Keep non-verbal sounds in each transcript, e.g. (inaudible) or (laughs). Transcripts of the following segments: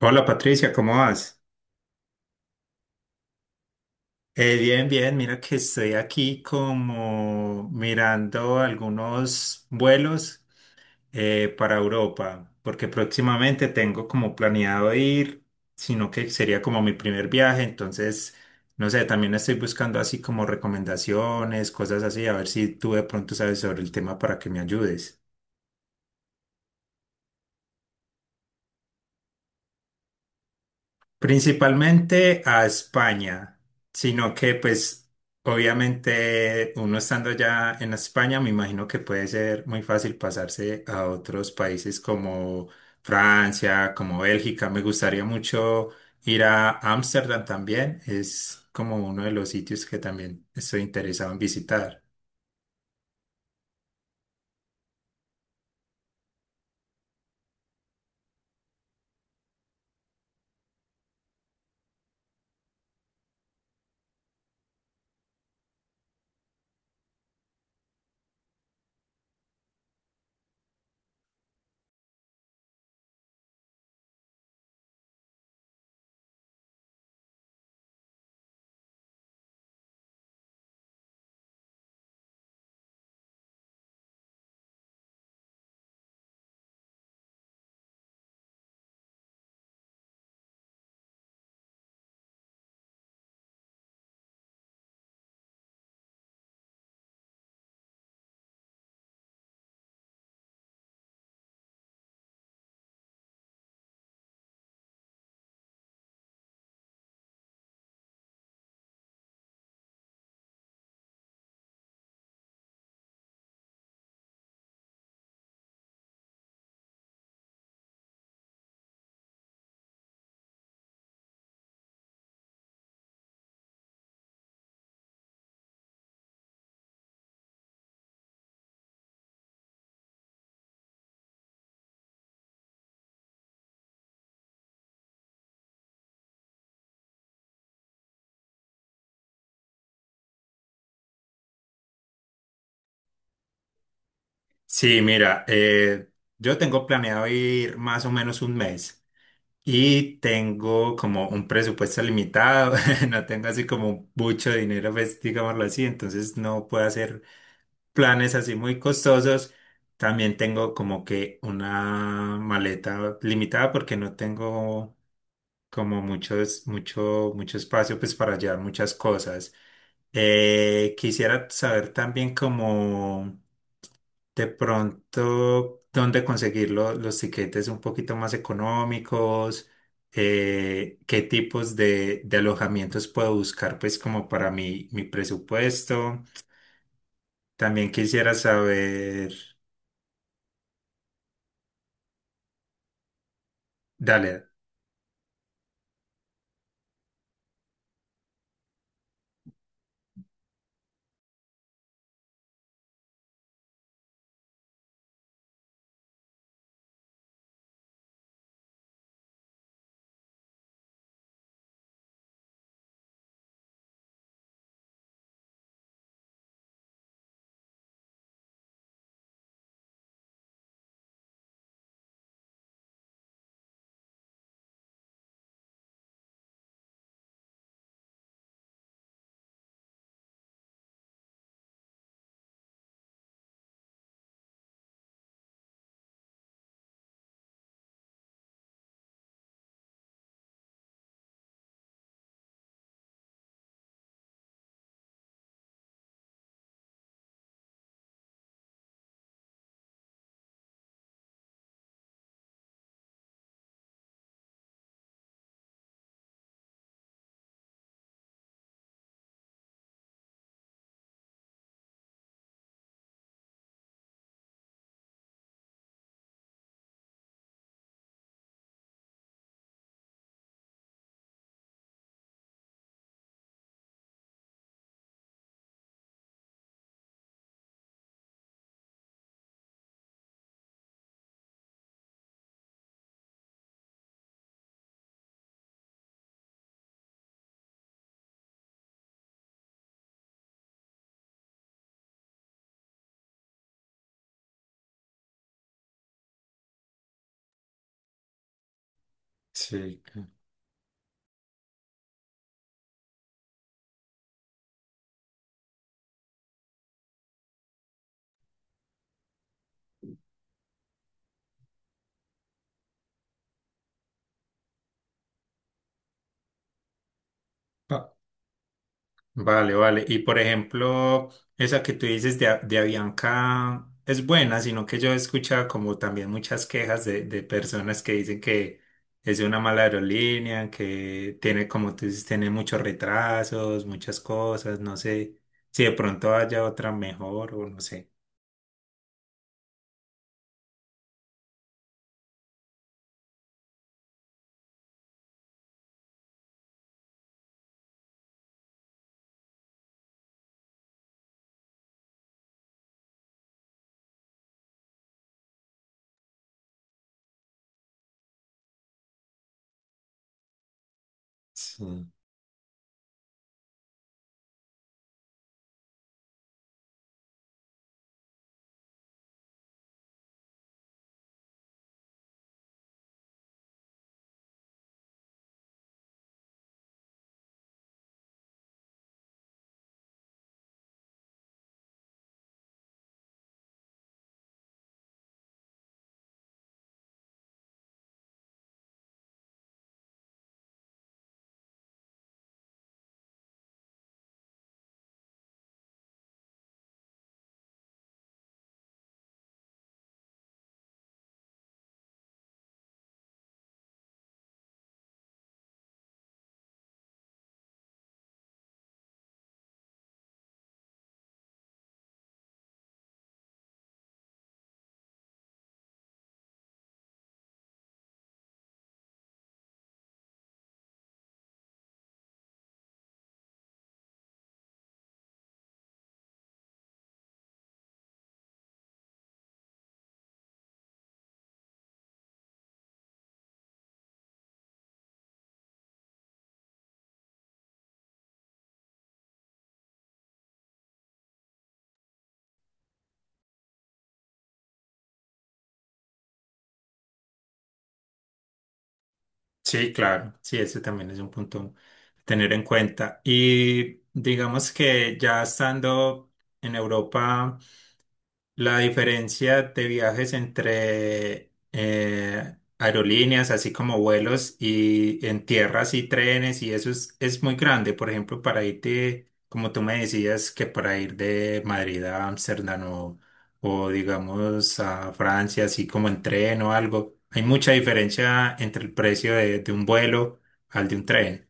Hola Patricia, ¿cómo vas? Bien, bien, mira que estoy aquí como mirando algunos vuelos para Europa, porque próximamente tengo como planeado ir, sino que sería como mi primer viaje, entonces, no sé, también estoy buscando así como recomendaciones, cosas así, a ver si tú de pronto sabes sobre el tema para que me ayudes. Principalmente a España, sino que pues obviamente uno estando ya en España, me imagino que puede ser muy fácil pasarse a otros países como Francia, como Bélgica. Me gustaría mucho ir a Ámsterdam también, es como uno de los sitios que también estoy interesado en visitar. Sí, mira, yo tengo planeado ir más o menos un mes. Y tengo como un presupuesto limitado, (laughs) no tengo así como mucho dinero, pues digámoslo así, entonces no puedo hacer planes así muy costosos. También tengo como que una maleta limitada porque no tengo como muchos, mucho espacio pues para llevar muchas cosas. Quisiera saber también como de pronto, ¿dónde conseguir los tiquetes un poquito más económicos? ¿Qué tipos de alojamientos puedo buscar, pues, como para mi presupuesto? También quisiera saber, dale. Sí. Vale, vale. Y por ejemplo, esa que tú dices de, de Avianca es buena, sino que yo he escuchado como también muchas quejas de personas que dicen que es una mala aerolínea, que tiene, como tú dices, tiene muchos retrasos, muchas cosas, no sé si de pronto haya otra mejor o no sé. Sí. Sí, claro, sí, eso también es un punto a tener en cuenta. Y digamos que ya estando en Europa. La diferencia de viajes entre aerolíneas, así como vuelos y en tierras y trenes, y eso es muy grande. Por ejemplo, para irte, como tú me decías, que para ir de Madrid a Ámsterdam o digamos a Francia, así como en tren o algo, hay mucha diferencia entre el precio de un vuelo al de un tren.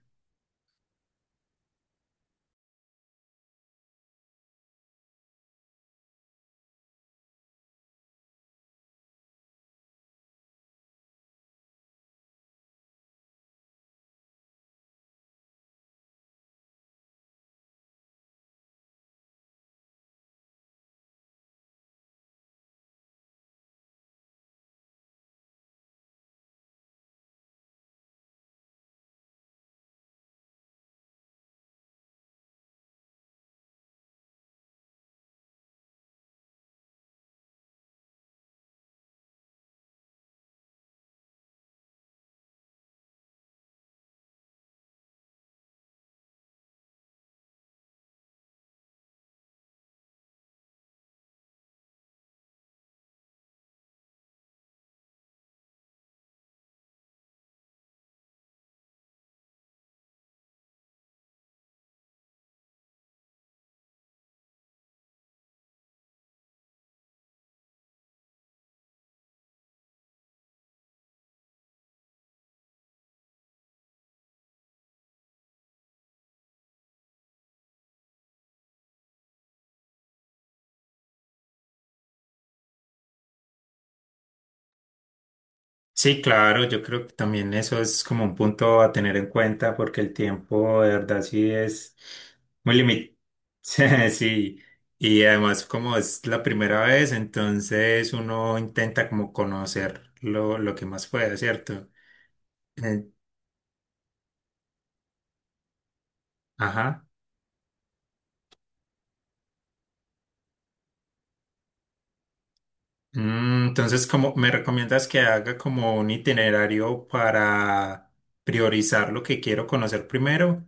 Sí, claro, yo creo que también eso es como un punto a tener en cuenta porque el tiempo de verdad sí es muy limitado. (laughs) Sí, y además como es la primera vez, entonces uno intenta como conocer lo que más pueda, ¿cierto? Eh, ajá. Mm, entonces, ¿como me recomiendas que haga como un itinerario para priorizar lo que quiero conocer primero?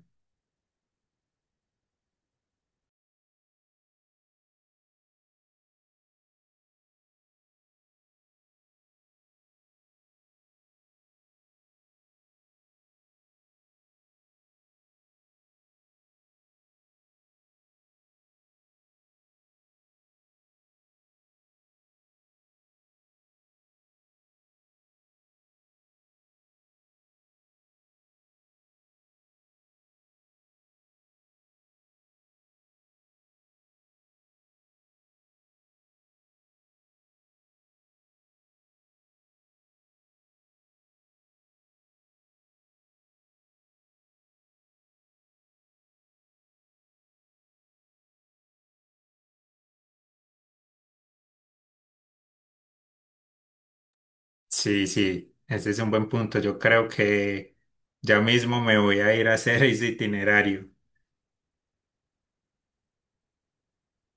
Sí, sí, ese es un buen punto. Yo creo que ya mismo me voy a ir a hacer (laughs) ese itinerario.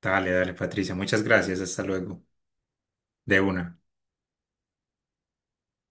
Dale, dale, Patricia. Muchas gracias. Hasta luego. De una.